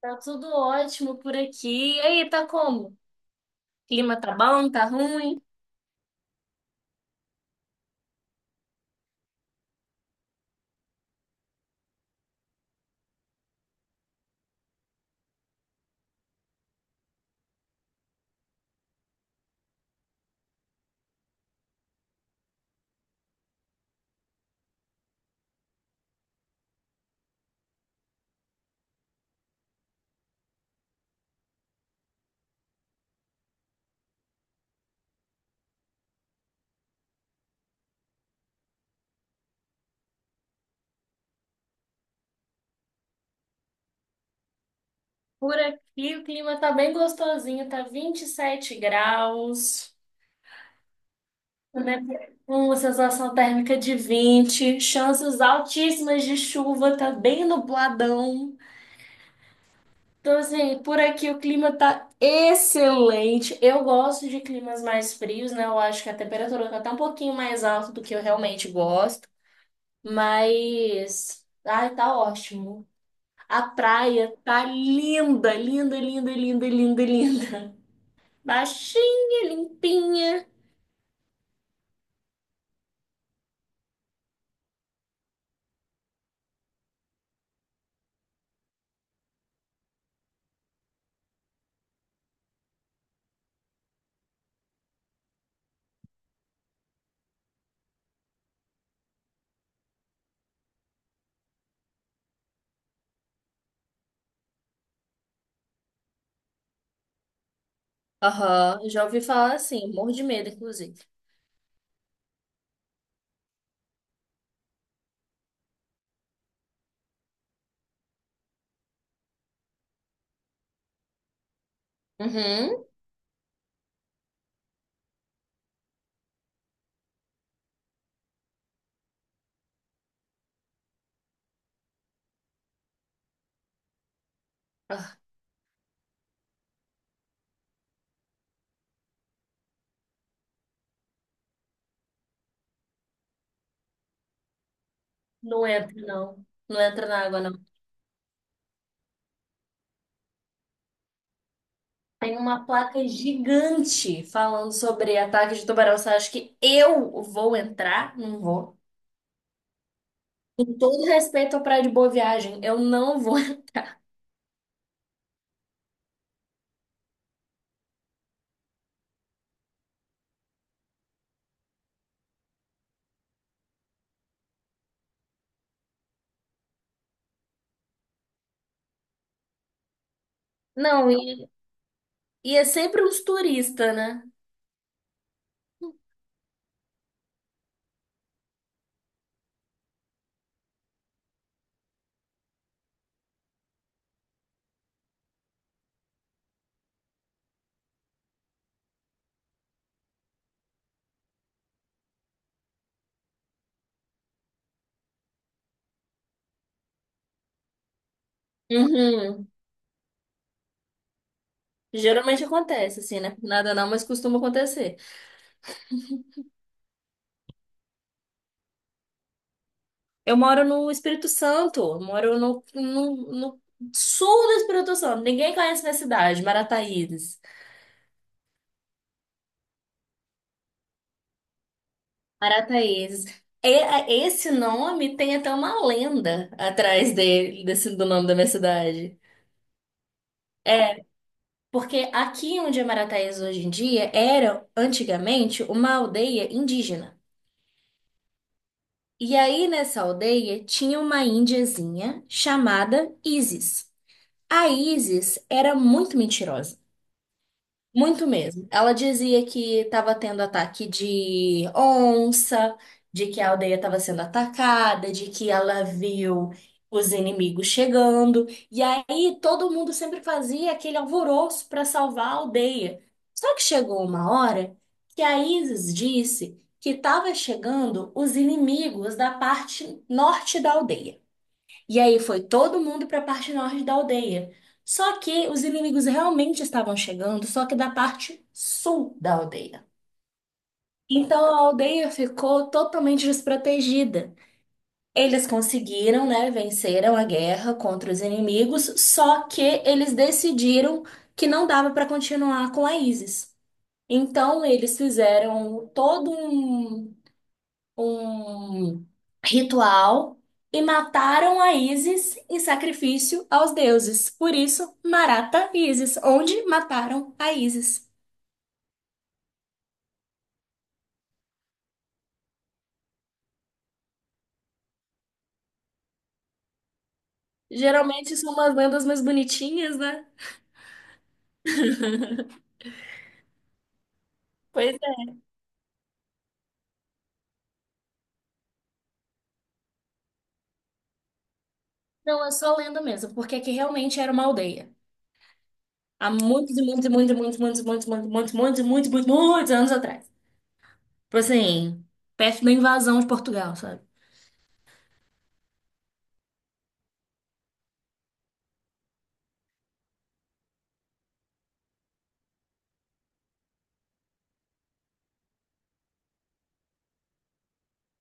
Tá tudo ótimo por aqui. E aí, tá como? Clima tá bom, tá ruim? Por aqui o clima tá bem gostosinho, tá 27 graus, né? Uma sensação térmica de 20, chances altíssimas de chuva, tá bem nubladão. Então, assim, por aqui o clima tá excelente. Eu gosto de climas mais frios, né? Eu acho que a temperatura tá até um pouquinho mais alta do que eu realmente gosto, mas. Ai, tá ótimo. A praia tá linda, linda, linda, linda, linda, linda. Baixinha, limpinha. Aham, já ouvi falar, assim, morro de medo, inclusive. Uhum. Ah, não entra, não. Não entra na água, não. Tem uma placa gigante falando sobre ataque de tubarão. Você acha que eu vou entrar? Não vou. Com todo respeito à Praia de Boa Viagem, eu não vou. Não, e é sempre uns turistas, né? Uhum. Geralmente acontece, assim, né? Nada não, mas costuma acontecer. Eu moro no Espírito Santo, eu moro no sul do Espírito Santo. Ninguém conhece minha cidade, Marataízes. Marataízes. Esse nome tem até uma lenda atrás dele, desse, do nome da minha cidade. Porque aqui onde é Marataízes hoje em dia era, antigamente, uma aldeia indígena. E aí nessa aldeia tinha uma índiazinha chamada Isis. A Isis era muito mentirosa. Muito mesmo. Ela dizia que estava tendo ataque de onça, de que a aldeia estava sendo atacada, de que ela viu os inimigos chegando. E aí todo mundo sempre fazia aquele alvoroço para salvar a aldeia. Só que chegou uma hora que a Isis disse que estava chegando os inimigos da parte norte da aldeia. E aí foi todo mundo para a parte norte da aldeia. Só que os inimigos realmente estavam chegando, só que da parte sul da aldeia. Então a aldeia ficou totalmente desprotegida. Eles conseguiram, né, venceram a guerra contra os inimigos, só que eles decidiram que não dava para continuar com a ISIS. Então eles fizeram todo um ritual e mataram a Ísis em sacrifício aos deuses. Por isso, Marata e Ísis, onde mataram a Ísis. Geralmente são umas lendas mais bonitinhas, né? Pois é. Não, é só lenda mesmo, porque aqui realmente era uma aldeia. Há muitos e muitos e muitos e muitos e muitos e muitos e muitos e muitos e muitos e muitos muitos anos atrás. Tipo assim, perto da invasão de Portugal, sabe?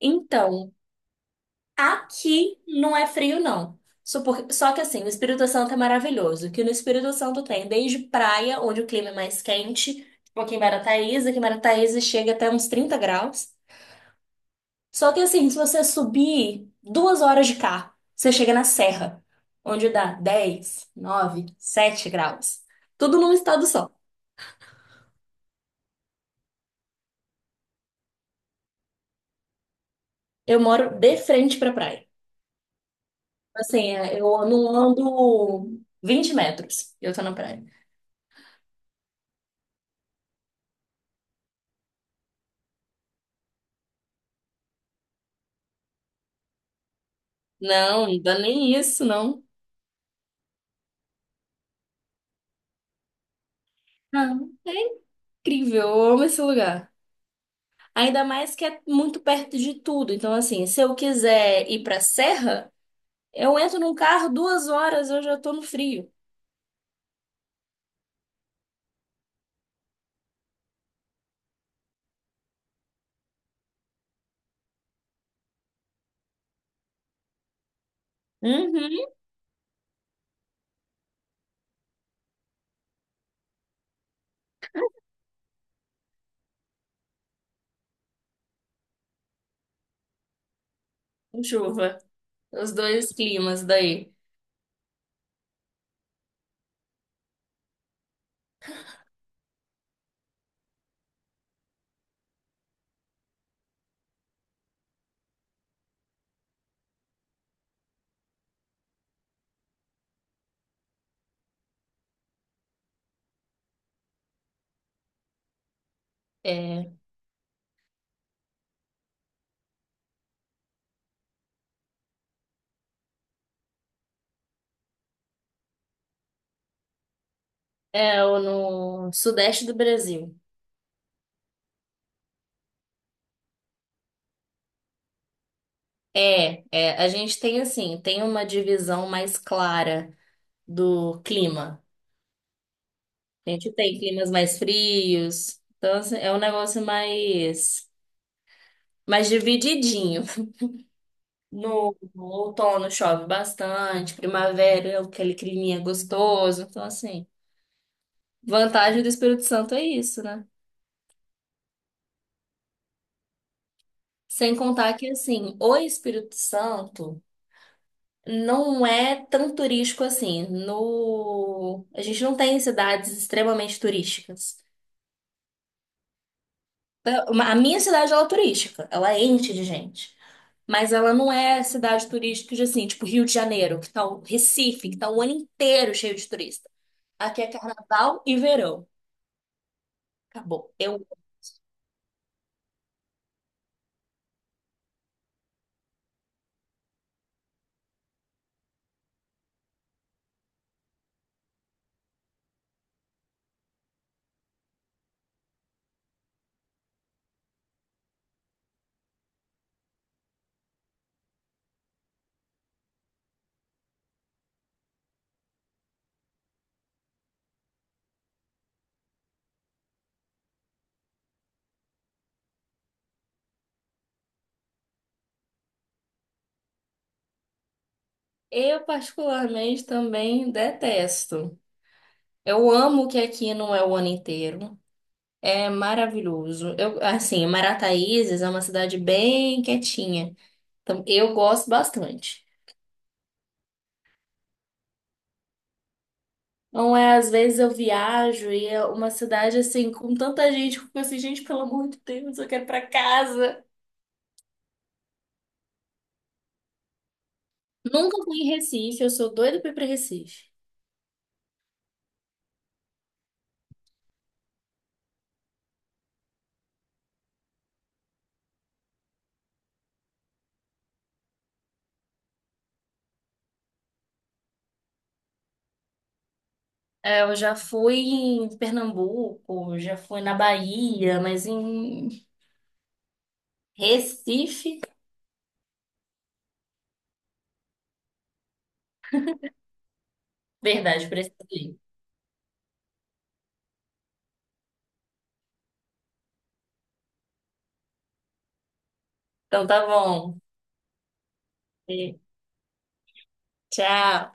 Então, aqui não é frio, não. Só que, assim, o Espírito Santo é maravilhoso. Que no Espírito Santo tem desde praia, onde o clima é mais quente, tipo aqui em Marataízes chega até uns 30 graus. Só que, assim, se você subir 2 horas de carro, você chega na serra, onde dá 10, 9, 7 graus. Tudo num estado só. Eu moro de frente pra praia. Assim, é, eu não ando 20 metros, eu tô na praia. Não, não dá nem isso, não. Não, é incrível, eu amo esse lugar. Ainda mais que é muito perto de tudo. Então, assim, se eu quiser ir pra serra, eu entro num carro 2 horas, eu já tô no frio. Uhum, com chuva. Os dois climas daí. É, é o no sudeste do Brasil. É, é, a gente tem assim, tem uma divisão mais clara do clima. A gente tem climas mais frios. Então, assim, é um negócio mais divididinho. No outono chove bastante, primavera é aquele climinha gostoso. Então, assim, vantagem do Espírito Santo é isso, né? Sem contar que, assim, o Espírito Santo não é tão turístico assim. No... A gente não tem cidades extremamente turísticas. A minha cidade, ela é turística, ela é enche de gente. Mas ela não é cidade turística, de, assim, tipo Rio de Janeiro, que tá o Recife, que tá o ano inteiro cheio de turista. Aqui é carnaval e verão. Acabou. Eu particularmente também detesto. Eu amo que aqui não é o ano inteiro. É maravilhoso. Eu, assim, Marataízes é uma cidade bem quietinha. Então, eu gosto bastante. Não é, às vezes eu viajo e é uma cidade assim, com tanta gente, eu fico assim, gente, pelo amor de Deus, eu quero ir pra casa. Nunca fui em Recife, eu sou doida pra ir pra Recife. É, eu já fui em Pernambuco, já fui na Bahia, mas em Recife? Verdade, preciso ir. Então tá bom. E tchau.